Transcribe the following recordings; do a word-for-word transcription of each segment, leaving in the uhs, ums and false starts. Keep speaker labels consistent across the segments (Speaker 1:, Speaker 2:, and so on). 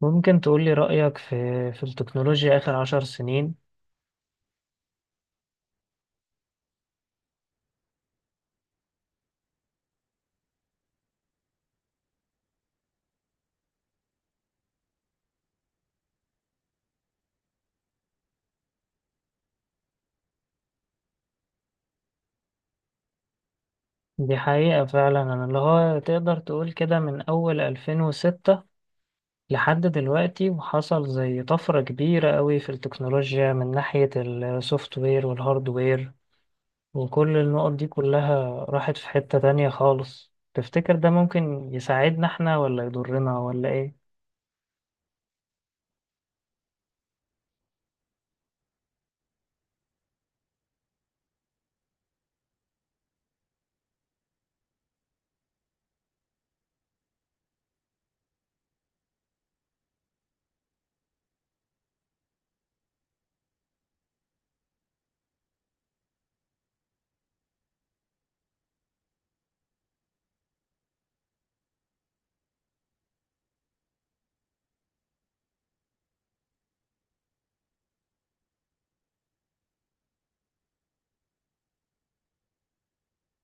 Speaker 1: ممكن تقولي رأيك في في التكنولوجيا آخر عشر سنين. دي حقيقة فعلا، أنا اللي هو تقدر تقول كده من أول ألفين وستة لحد دلوقتي، وحصل زي طفرة كبيرة قوي في التكنولوجيا من ناحية السوفت وير والهارد وير، وكل النقط دي كلها راحت في حتة تانية خالص. تفتكر ده ممكن يساعدنا احنا ولا يضرنا ولا ايه؟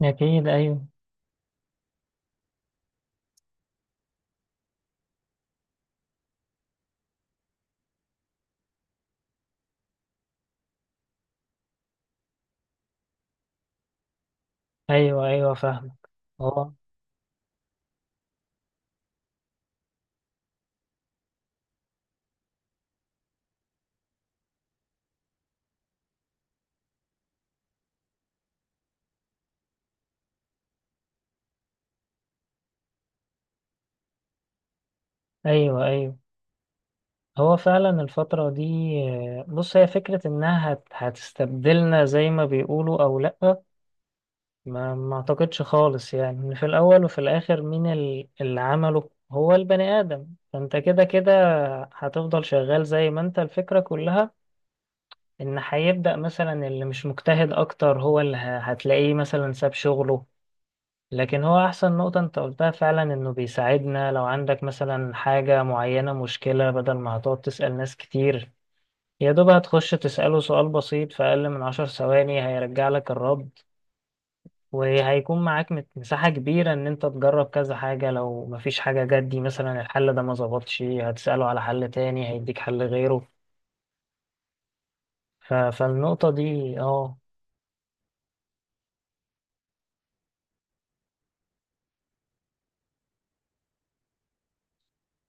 Speaker 1: أكيد. أيوه، أيوه، أيوه، فاهمك. اه، أيوه أيوه. هو فعلا الفترة دي، آه، بص، هي فكرة انها هت- هتستبدلنا زي ما بيقولوا او لأ، ما ما اعتقدش خالص. يعني إن في الاول وفي الاخر مين ال- اللي عمله هو البني ادم، فانت كده كده هتفضل شغال زي ما انت. الفكرة كلها ان هيبدأ مثلا اللي مش مجتهد اكتر هو اللي ه- هتلاقيه مثلا ساب شغله. لكن هو احسن نقطة انت قلتها فعلا انه بيساعدنا، لو عندك مثلا حاجة معينة، مشكلة، بدل ما هتقعد تسأل ناس كتير، يا دوب هتخش تسأله سؤال بسيط، في أقل من عشر ثواني هيرجع لك الرد، وهيكون معاك مت- مساحة كبيرة إن أنت تجرب كذا حاجة، لو مفيش حاجة جت، دي مثلا الحل ده ما ظبطش، هتسأله على حل تاني هيديك حل غيره. ف... فالنقطة دي، اه،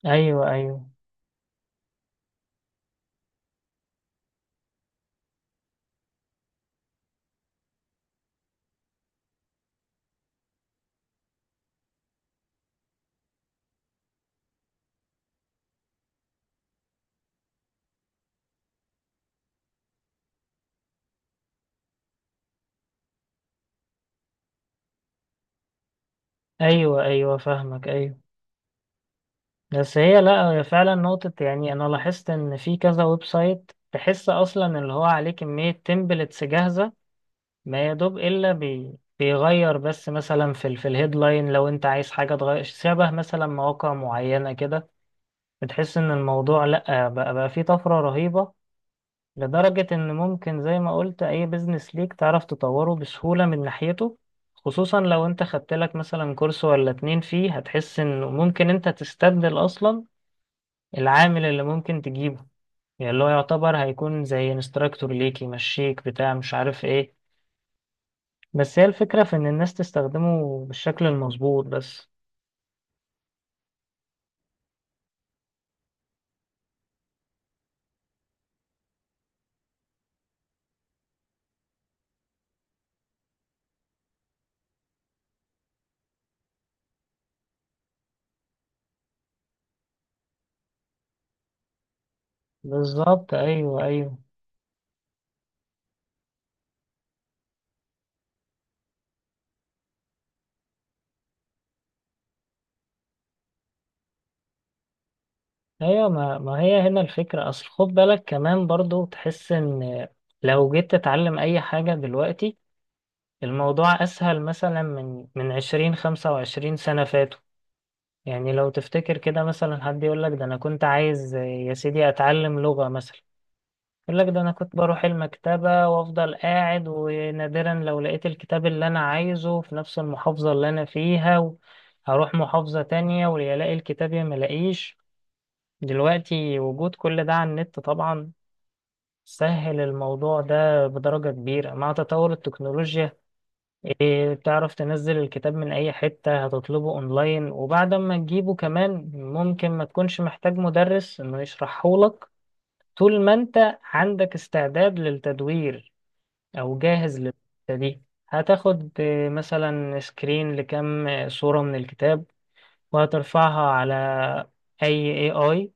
Speaker 1: أيوه أيوه. أيوه أيوه فاهمك، أيوه. بس هي، لأ، هي فعلا نقطة، يعني أنا لاحظت إن في كذا ويب سايت تحس أصلا اللي هو عليه كمية تمبلتس جاهزة، ما يا دوب الا بي... بيغير بس، مثلا في ال... في الهيدلاين، لو انت عايز حاجه تغير، شبه مثلا مواقع معينه كده. بتحس ان الموضوع، لا، بقى بقى فيه طفره رهيبه، لدرجه ان ممكن زي ما قلت، اي بيزنس ليك تعرف تطوره بسهوله من ناحيته، خصوصا لو انت خدت لك مثلا كورس ولا اتنين فيه، هتحس انه ممكن انت تستبدل اصلا العامل اللي ممكن تجيبه، يعني اللي هو يعتبر هيكون زي انستراكتور ليك يمشيك، بتاع مش عارف ايه. بس هي الفكرة في إن الناس تستخدمه بالشكل المظبوط بس. بالظبط، أيوه أيوه. أيوه ما, ما هي هنا الفكرة. أصل خد بالك كمان برضو، تحس إن لو جيت تتعلم أي حاجة دلوقتي، الموضوع أسهل مثلا من من عشرين، خمسة وعشرين سنة فاتوا. يعني لو تفتكر كده مثلا، حد يقولك ده أنا كنت عايز يا سيدي أتعلم لغة مثلا، يقول لك ده انا كنت بروح المكتبة وافضل قاعد، ونادرا لو لقيت الكتاب اللي انا عايزه في نفس المحافظة اللي انا فيها، و- هروح محافظة تانية، ويا الاقي الكتاب يا ملاقيش. دلوقتي وجود كل ده على النت طبعا سهل الموضوع ده بدرجة كبيرة، مع تطور التكنولوجيا. إيه، بتعرف تنزل الكتاب من اي حتة، هتطلبه اونلاين، وبعد ما تجيبه كمان ممكن ما تكونش محتاج مدرس انه يشرحهولك، طول ما انت عندك استعداد للتدوير او جاهز للحتة دي. هتاخد آه، مثلا سكرين لكم، آه، صورة من الكتاب، وهترفعها على اي اي اي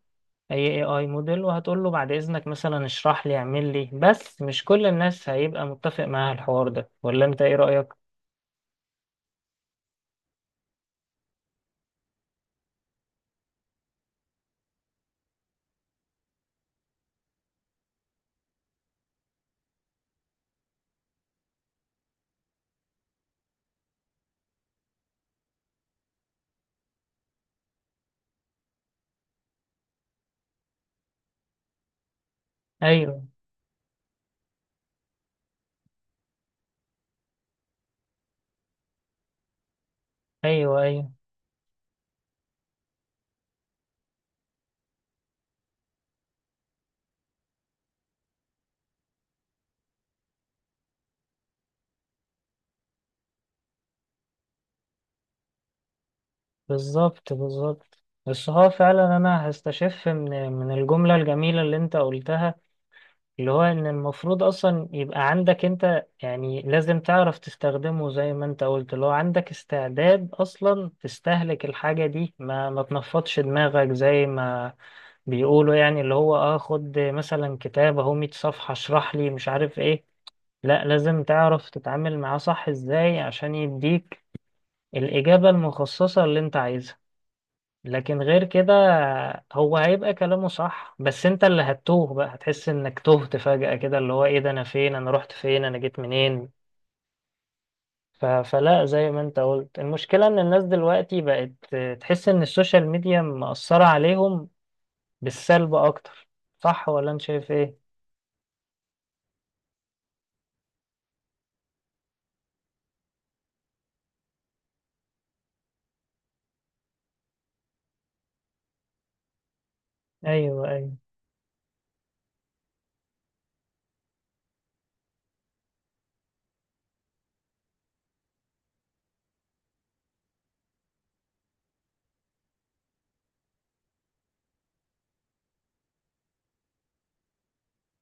Speaker 1: اي اي اي موديل، وهتقول له بعد اذنك مثلا اشرح لي، اعمل لي. بس مش كل الناس هيبقى متفق معاها الحوار ده، ولا انت ايه رأيك؟ ايوه ايوه ايوه. بالظبط بالظبط. بس هو فعلا انا هستشف من من الجملة الجميلة اللي انت قلتها، اللي هو ان المفروض اصلا يبقى عندك انت، يعني لازم تعرف تستخدمه زي ما انت قلت، اللي هو عندك استعداد اصلا تستهلك الحاجة دي، ما ما تنفضش دماغك زي ما بيقولوا. يعني اللي هو، اه، خد مثلا كتاب اهو مية صفحة، اشرح لي مش عارف ايه. لا، لازم تعرف تتعامل معاه صح ازاي عشان يديك الإجابة المخصصة اللي انت عايزها. لكن غير كده، هو هيبقى كلامه صح، بس انت اللي هتتوه بقى، هتحس انك تهت فجأة كده، اللي هو ايه ده، انا فين، انا رحت فين، انا جيت منين. ف... فلا، زي ما انت قلت، المشكلة ان الناس دلوقتي بقت تحس ان السوشيال ميديا مأثرة عليهم بالسلب اكتر. صح ولا انت شايف ايه؟ ايوه ايوه.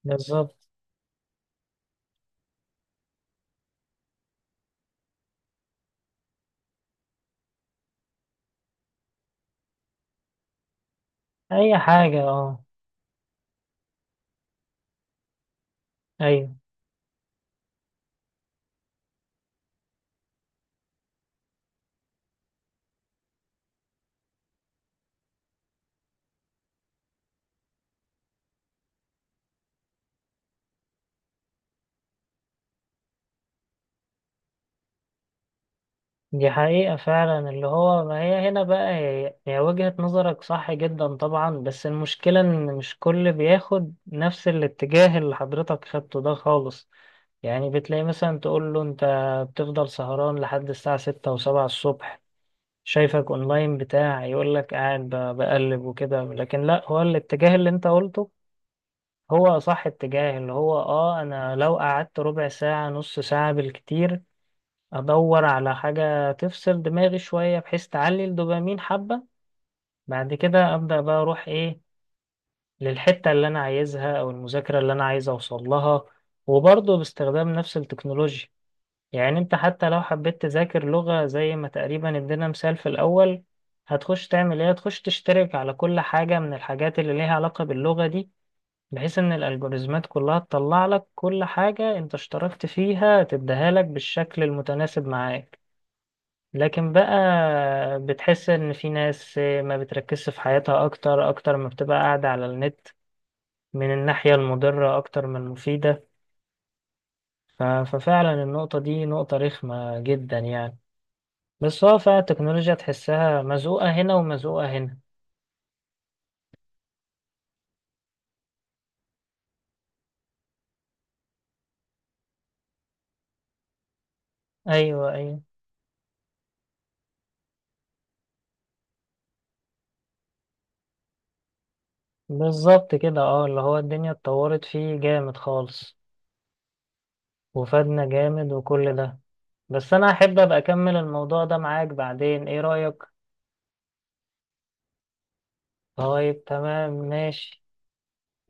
Speaker 1: بالظبط. اي حاجة، اه. ايوه. دي حقيقة فعلا، اللي هو ما هي هنا بقى، هي هي وجهة نظرك صح جدا طبعا. بس المشكلة إن مش كل بياخد نفس الاتجاه اللي حضرتك خدته ده خالص. يعني بتلاقي مثلا تقول له أنت بتفضل سهران لحد الساعة ستة وسبعة الصبح، شايفك أونلاين بتاع، يقولك قاعد ب- بقلب وكده. لكن لأ، هو الاتجاه اللي أنت قلته هو صح، اتجاه اللي هو، اه، انا لو قعدت ربع ساعة نص ساعة بالكتير ادور على حاجة تفصل دماغي شوية، بحيث تعلي الدوبامين حبة، بعد كده ابدأ بقى اروح ايه، للحتة اللي انا عايزها او المذاكرة اللي انا عايز اوصل لها، وبرضه باستخدام نفس التكنولوجيا. يعني انت حتى لو حبيت تذاكر لغة زي ما تقريبا ادينا مثال في الاول، هتخش تعمل ايه، هتخش تشترك على كل حاجة من الحاجات اللي ليها علاقة باللغة دي، بحيث ان الالجوريزمات كلها تطلع لك كل حاجة انت اشتركت فيها، تديها لك بالشكل المتناسب معاك. لكن بقى، بتحس ان في ناس ما بتركزش في حياتها اكتر، اكتر ما بتبقى قاعدة على النت، من الناحية المضرة اكتر من المفيدة. ف- ففعلا النقطة دي نقطة رخمة جدا يعني. بس هو فعلا التكنولوجيا تحسها مزقوقة هنا ومزقوقة هنا. ايوه ايوه. بالظبط كده، اه، اللي هو الدنيا اتطورت فيه جامد خالص، وفادنا جامد، وكل ده. بس انا احب ابقى اكمل الموضوع ده معاك بعدين، ايه رأيك؟ طيب تمام، ماشي.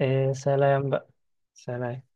Speaker 1: إيه، سلام بقى. سلام.